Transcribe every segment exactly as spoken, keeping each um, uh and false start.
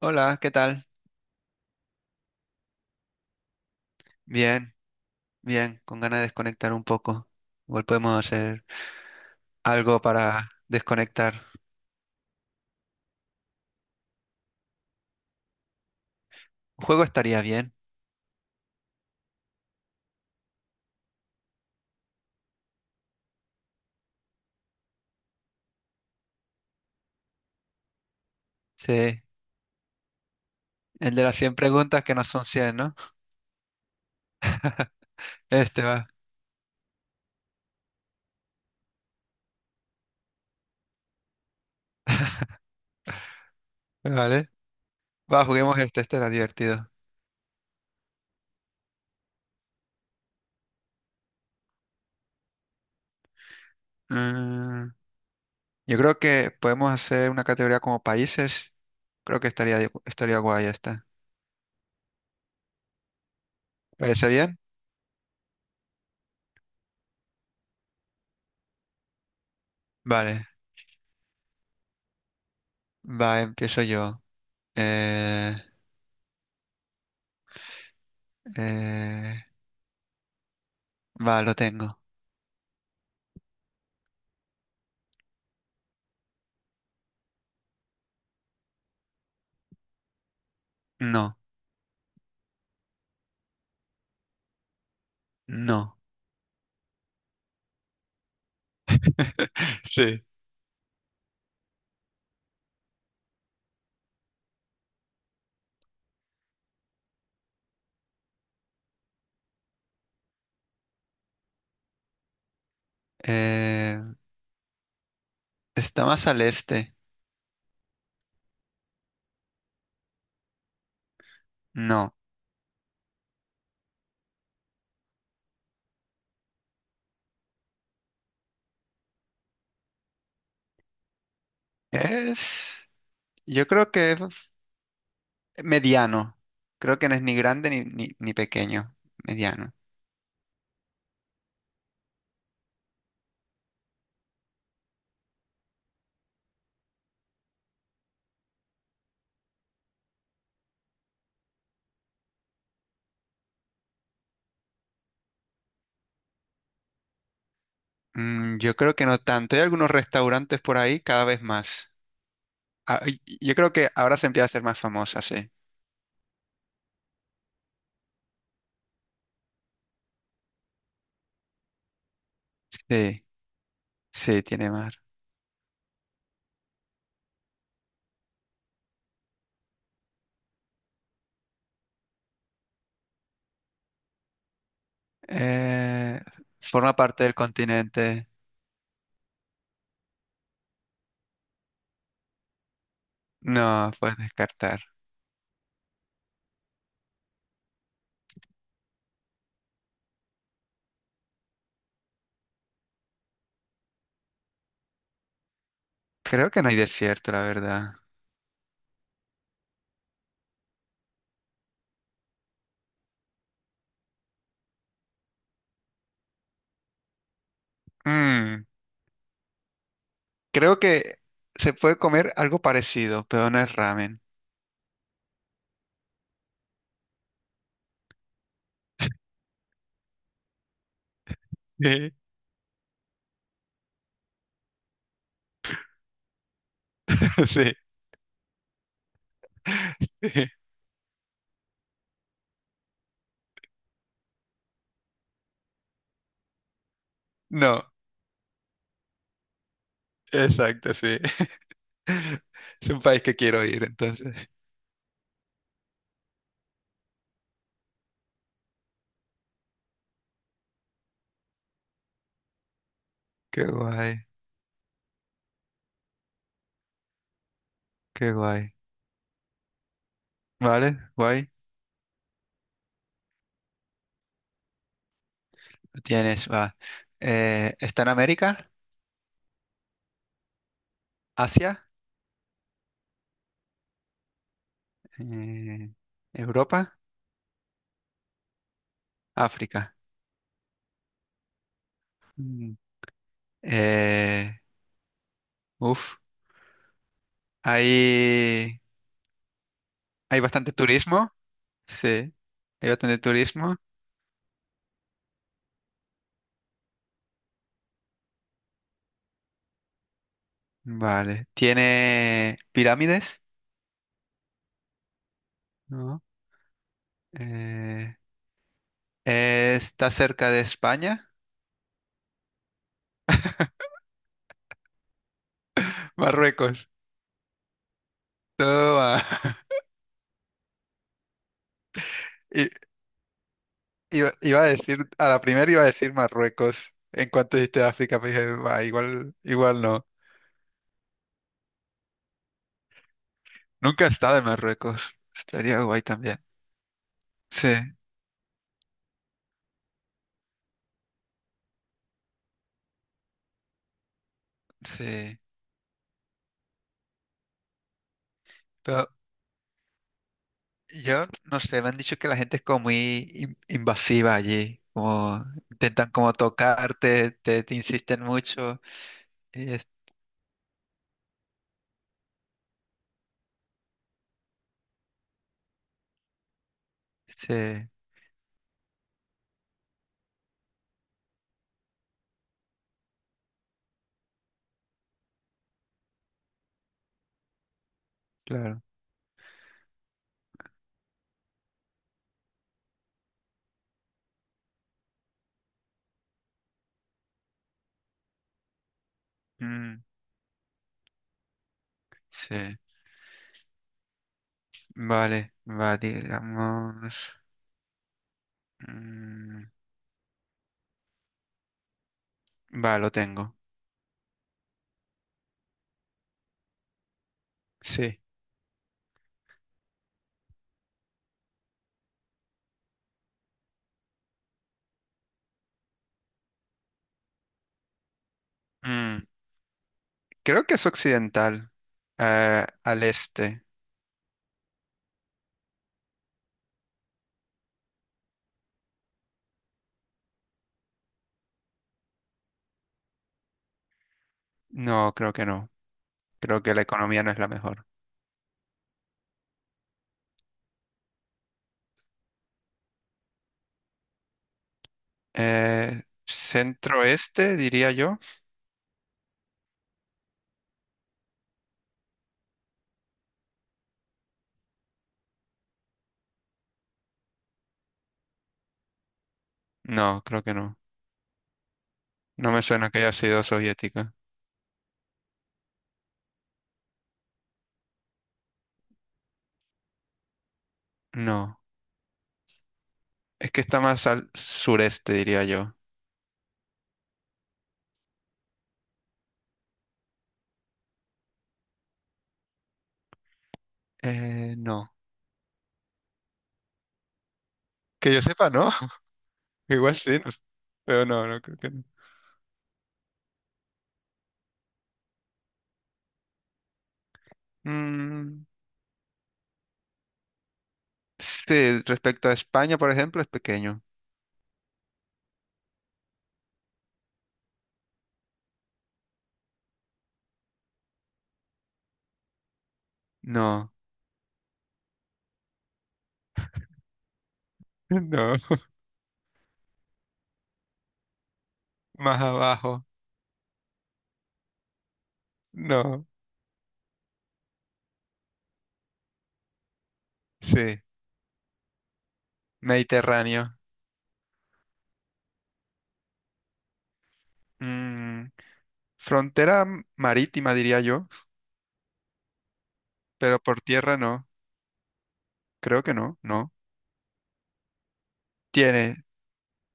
Hola, ¿qué tal? Bien, bien, con ganas de desconectar un poco. Igual podemos hacer algo para desconectar. Un juego estaría bien. Sí, el de las cien preguntas que no son cien, ¿no? Este va, vale. Va, juguemos este, este era divertido. Mm, yo creo que podemos hacer una categoría como países. Creo que estaría, di- estaría guay esta. ¿Parece bien? Vale, va, empiezo yo. Eh, eh, va, lo tengo. No, no. Sí. Eh, está más al este. No. Es. Yo creo que es mediano. Creo que no es ni grande ni, ni, ni pequeño. Mediano. Mm, yo creo que no tanto. Hay algunos restaurantes por ahí cada vez más. Ah, y- y yo creo que ahora se empieza a ser más famosa, sí. Sí, sí, tiene mar. Eh, forma parte del continente. No, puedes descartar. Creo que no hay desierto, la verdad. Mm, Creo que se puede comer algo parecido, pero no es ramen. Sí, sí, sí. No, exacto, sí. Es un país que quiero ir, entonces. Qué guay, qué guay. Vale, guay. Lo tienes, va. Eh, ¿está en América? ¿Asia? Eh, ¿Europa? ¿África? Mm. Eh, uf. Hay, hay bastante turismo. Sí, hay bastante turismo. Vale. ¿Tiene pirámides? No. Eh, ¿está cerca de España? Marruecos. Toma. I- Iba, iba a decir, a la primera iba a decir Marruecos. En cuanto dijiste África, pues dije, "Bah, igual, igual no. Nunca he estado en Marruecos. Estaría guay también. Sí, sí. Pero yo no sé, me han dicho que la gente es como muy in- invasiva allí. Como intentan como tocarte, te, te insisten mucho. Y es- sí. Claro. Mm, sí. Vale, va, digamos. mm, va, lo tengo. Sí. Mm, creo que es occidental. eh, al este. No, creo que no. Creo que la economía no es la mejor. Eh, centro-este, diría yo. No, creo que no. No me suena que haya sido soviética. No. Es que está más al sureste, diría yo. Eh, no. Que yo sepa, no. Igual sí, no sé. Pero no, no creo que no. Mm, sí, respecto a España, por ejemplo, es pequeño. No, no, más abajo, no. Sí, Mediterráneo. Mm, frontera m- marítima, diría yo, pero por tierra no. Creo que no, no. Tiene,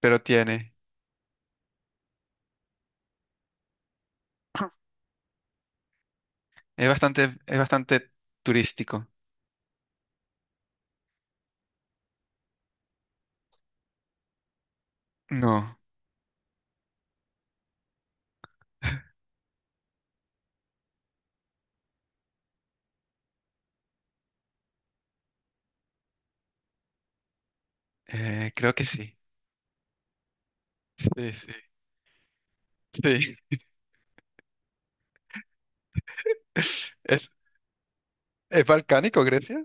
pero tiene. Es bastante, es bastante turístico. No, eh, creo que sí. Sí, sí, sí. ¿Es, es balcánico, Grecia?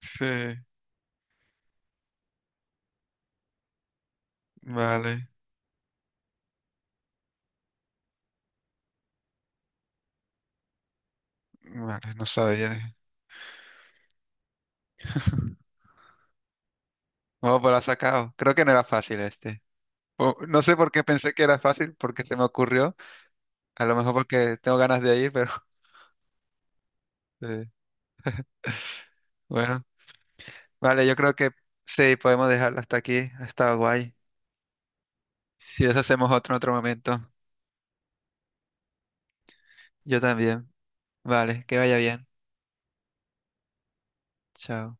Sí, vale, vale, no sabía. Oh, pero lo sacado. Creo que no era fácil este. O- no sé por qué pensé que era fácil, porque se me ocurrió. A lo mejor porque tengo ganas de ir, pero eh, bueno. Vale, yo creo que sí, podemos dejarlo hasta aquí. Ha estado guay. Si eso hacemos otro en otro momento. Yo también. Vale, que vaya bien. Chao.